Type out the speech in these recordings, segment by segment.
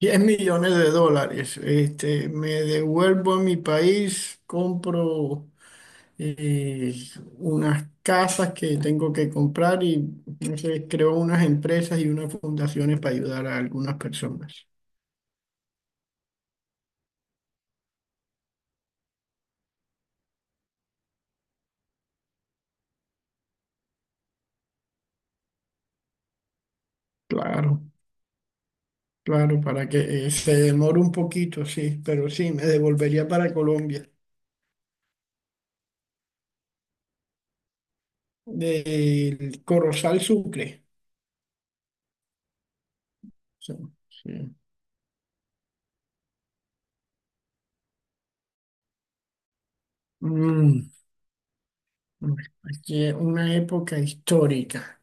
10 millones de dólares. Me devuelvo a mi país, compro eh, unas casas que tengo que comprar y no sé, creo unas empresas y unas fundaciones para ayudar a algunas personas. Claro, claro, para que se demore un poquito, sí, pero sí, me devolvería para Colombia. Del Corozal Sucre. Sí, sí. Mm, aquí es una época histórica.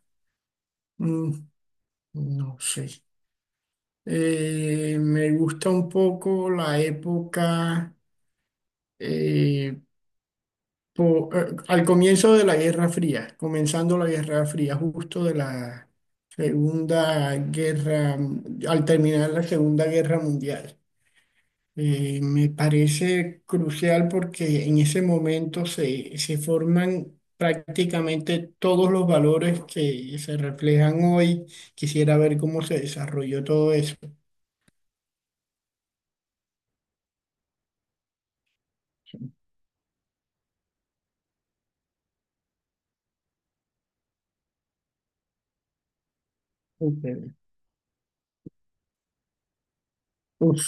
Mm, no sé. Me gusta un poco la época eh, al comienzo de la Guerra Fría, comenzando la Guerra Fría, justo de la Segunda Guerra, al terminar la Segunda Guerra Mundial. Me parece crucial porque en ese momento se forman prácticamente todos los valores que se reflejan hoy. Quisiera ver cómo se desarrolló todo eso. Ok. Uf,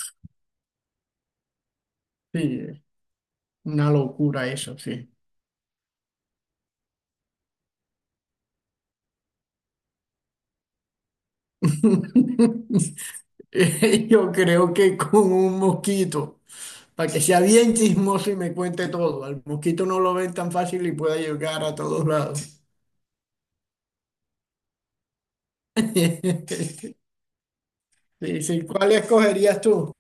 sí, una locura eso, sí. Yo creo que con un mosquito, para que sea bien chismoso y me cuente todo. Al mosquito no lo ven tan fácil y pueda llegar a todos lados. Sí, sí. ¿Cuál escogerías tú?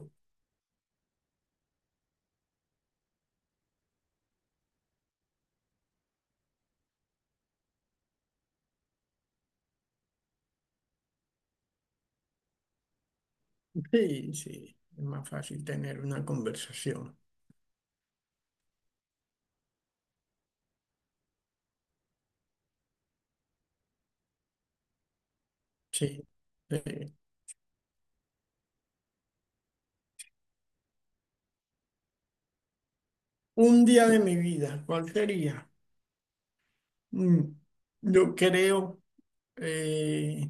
Sí, sí. Es más fácil tener una conversación. Sí, sí. Un día de mi vida, ¿cuál sería? Mm, Yo creo eh,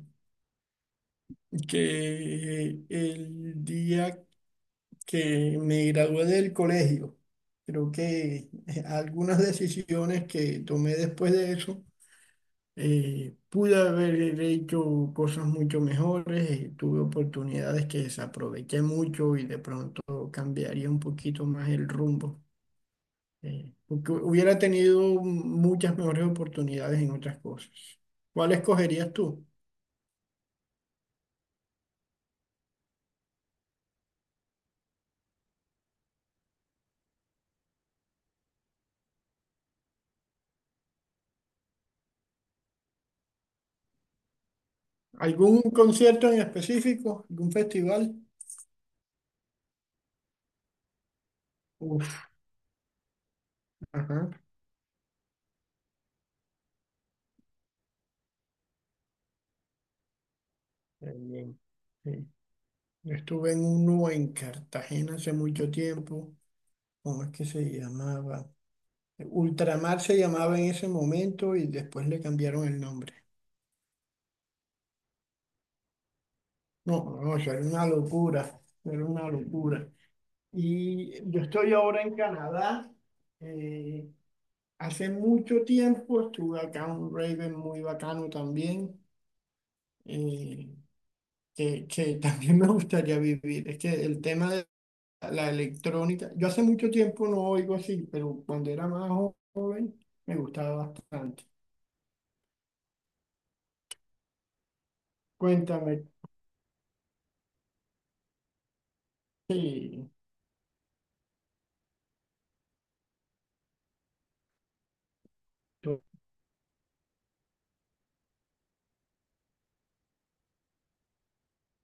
que el día que me gradué del colegio. Creo que algunas decisiones que tomé después de eso, pude haber hecho cosas mucho mejores, tuve oportunidades que desaproveché mucho y de pronto cambiaría un poquito más el rumbo, porque hubiera tenido muchas mejores oportunidades en otras cosas. ¿Cuál escogerías tú? ¿Algún concierto en específico? ¿Algún festival? Uf, ajá, qué bien. Sí. Yo estuve en uno en Cartagena hace mucho tiempo. ¿Cómo es que se llamaba? Ultramar se llamaba en ese momento y después le cambiaron el nombre. No, no, eso era una locura. Era una locura. Y yo estoy ahora en Canadá. eh, hace mucho tiempo estuve acá en un Raven muy bacano también, eh, que también me gustaría vivir. Es que el tema la electrónica. Yo hace mucho tiempo no oigo así, pero cuando era más joven me gustaba bastante. Cuéntame, sí, tú-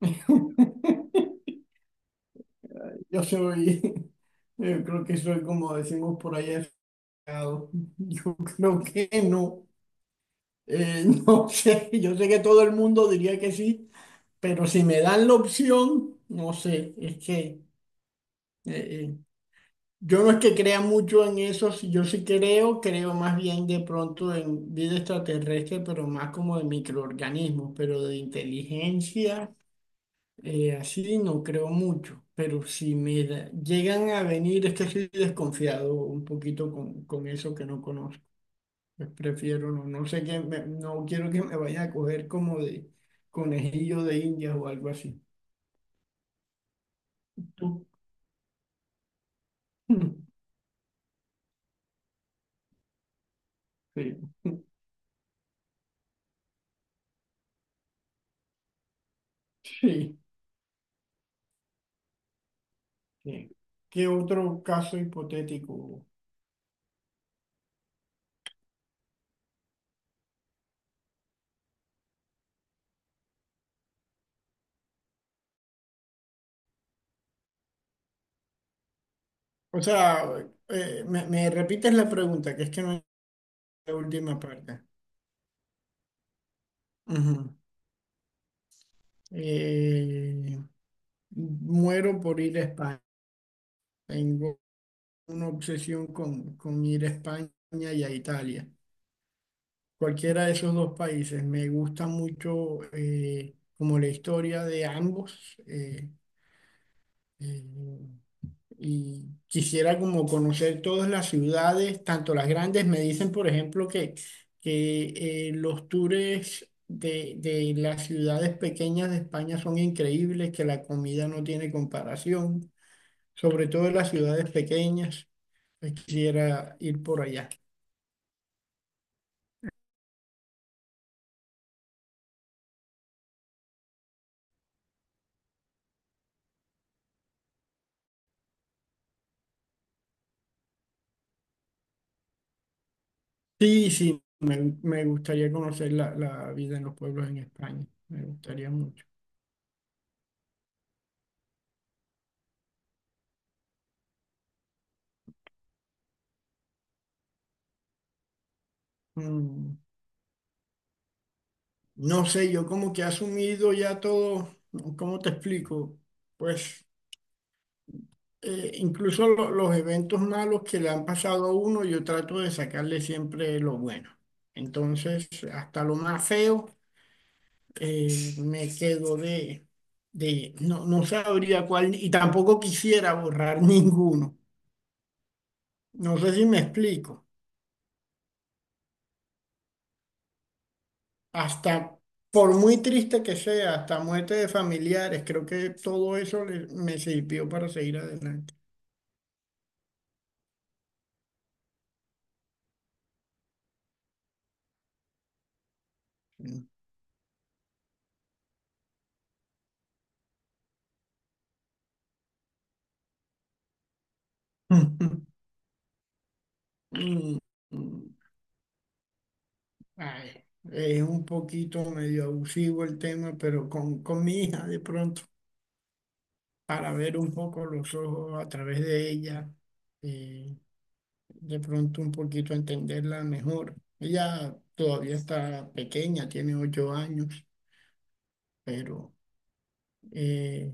yo soy, yo creo que soy como decimos por allá, aficionado. Yo creo que no. No sé, yo sé que todo el mundo diría que sí, pero si me dan la opción, no sé, es que eh, eh, yo no es que crea mucho en eso, yo sí creo, creo más bien de pronto en vida extraterrestre, pero más como de microorganismos, pero de inteligencia, así no creo mucho. Pero si llegan a venir, es que estoy desconfiado un poquito con eso que no conozco. Pues prefiero no, no sé qué, no quiero que me vaya a coger como de conejillo de indias o algo así. ¿Tú? Sí, sí, sí. ¿Qué otro caso hipotético? O sea, me repites la pregunta, que es que no es la última parte. Ujú. Eh, muero por ir a España. Tengo una obsesión con ir a España y a Italia. Cualquiera de esos dos países. Me gusta mucho como la historia de ambos. Eh, y quisiera como conocer todas las ciudades, tanto las grandes. Me dicen, por ejemplo, que los tours de las ciudades pequeñas de España son increíbles, que la comida no tiene comparación, sobre todo en las ciudades pequeñas. Pues quisiera ir por allá. Sí, sí, me gustaría conocer la vida en los pueblos en España. Me gustaría mucho. Mm, No sé, yo como que he asumido ya todo, ¿no? ¿Cómo te explico? Pues incluso los eventos malos que le han pasado a uno, yo trato de sacarle siempre lo bueno. Entonces, hasta lo más feo, me quedo no, no sabría cuál, y tampoco quisiera borrar ninguno. No sé si me explico. Hasta, por muy triste que sea, hasta muerte de familiares, creo que todo eso me sirvió para seguir adelante. Mm. Ay, es un poquito medio abusivo el tema, pero con mi hija de pronto, para ver un poco los ojos a través de ella, eh, de pronto un poquito entenderla mejor. Ella todavía está pequeña, tiene 8 años, pero eh,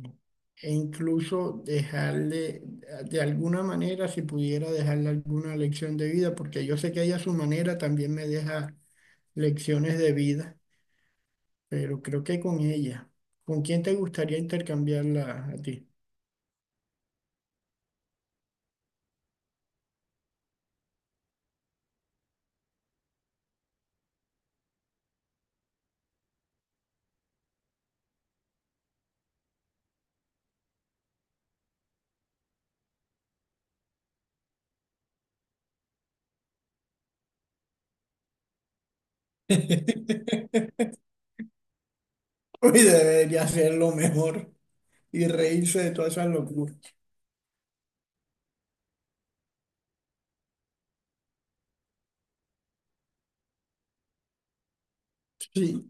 e incluso dejarle, de alguna manera, si pudiera dejarle alguna lección de vida, porque yo sé que ella a su manera también me deja lecciones de vida, pero creo que con ella. ¿Con quién te gustaría intercambiarla a ti? Uy, debería ser lo mejor y reírse de todas esas locuras. Sí.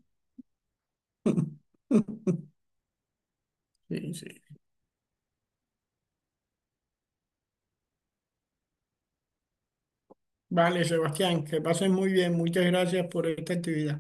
Sí, sí. Vale, Sebastián, que pases muy bien. Muchas gracias por esta actividad.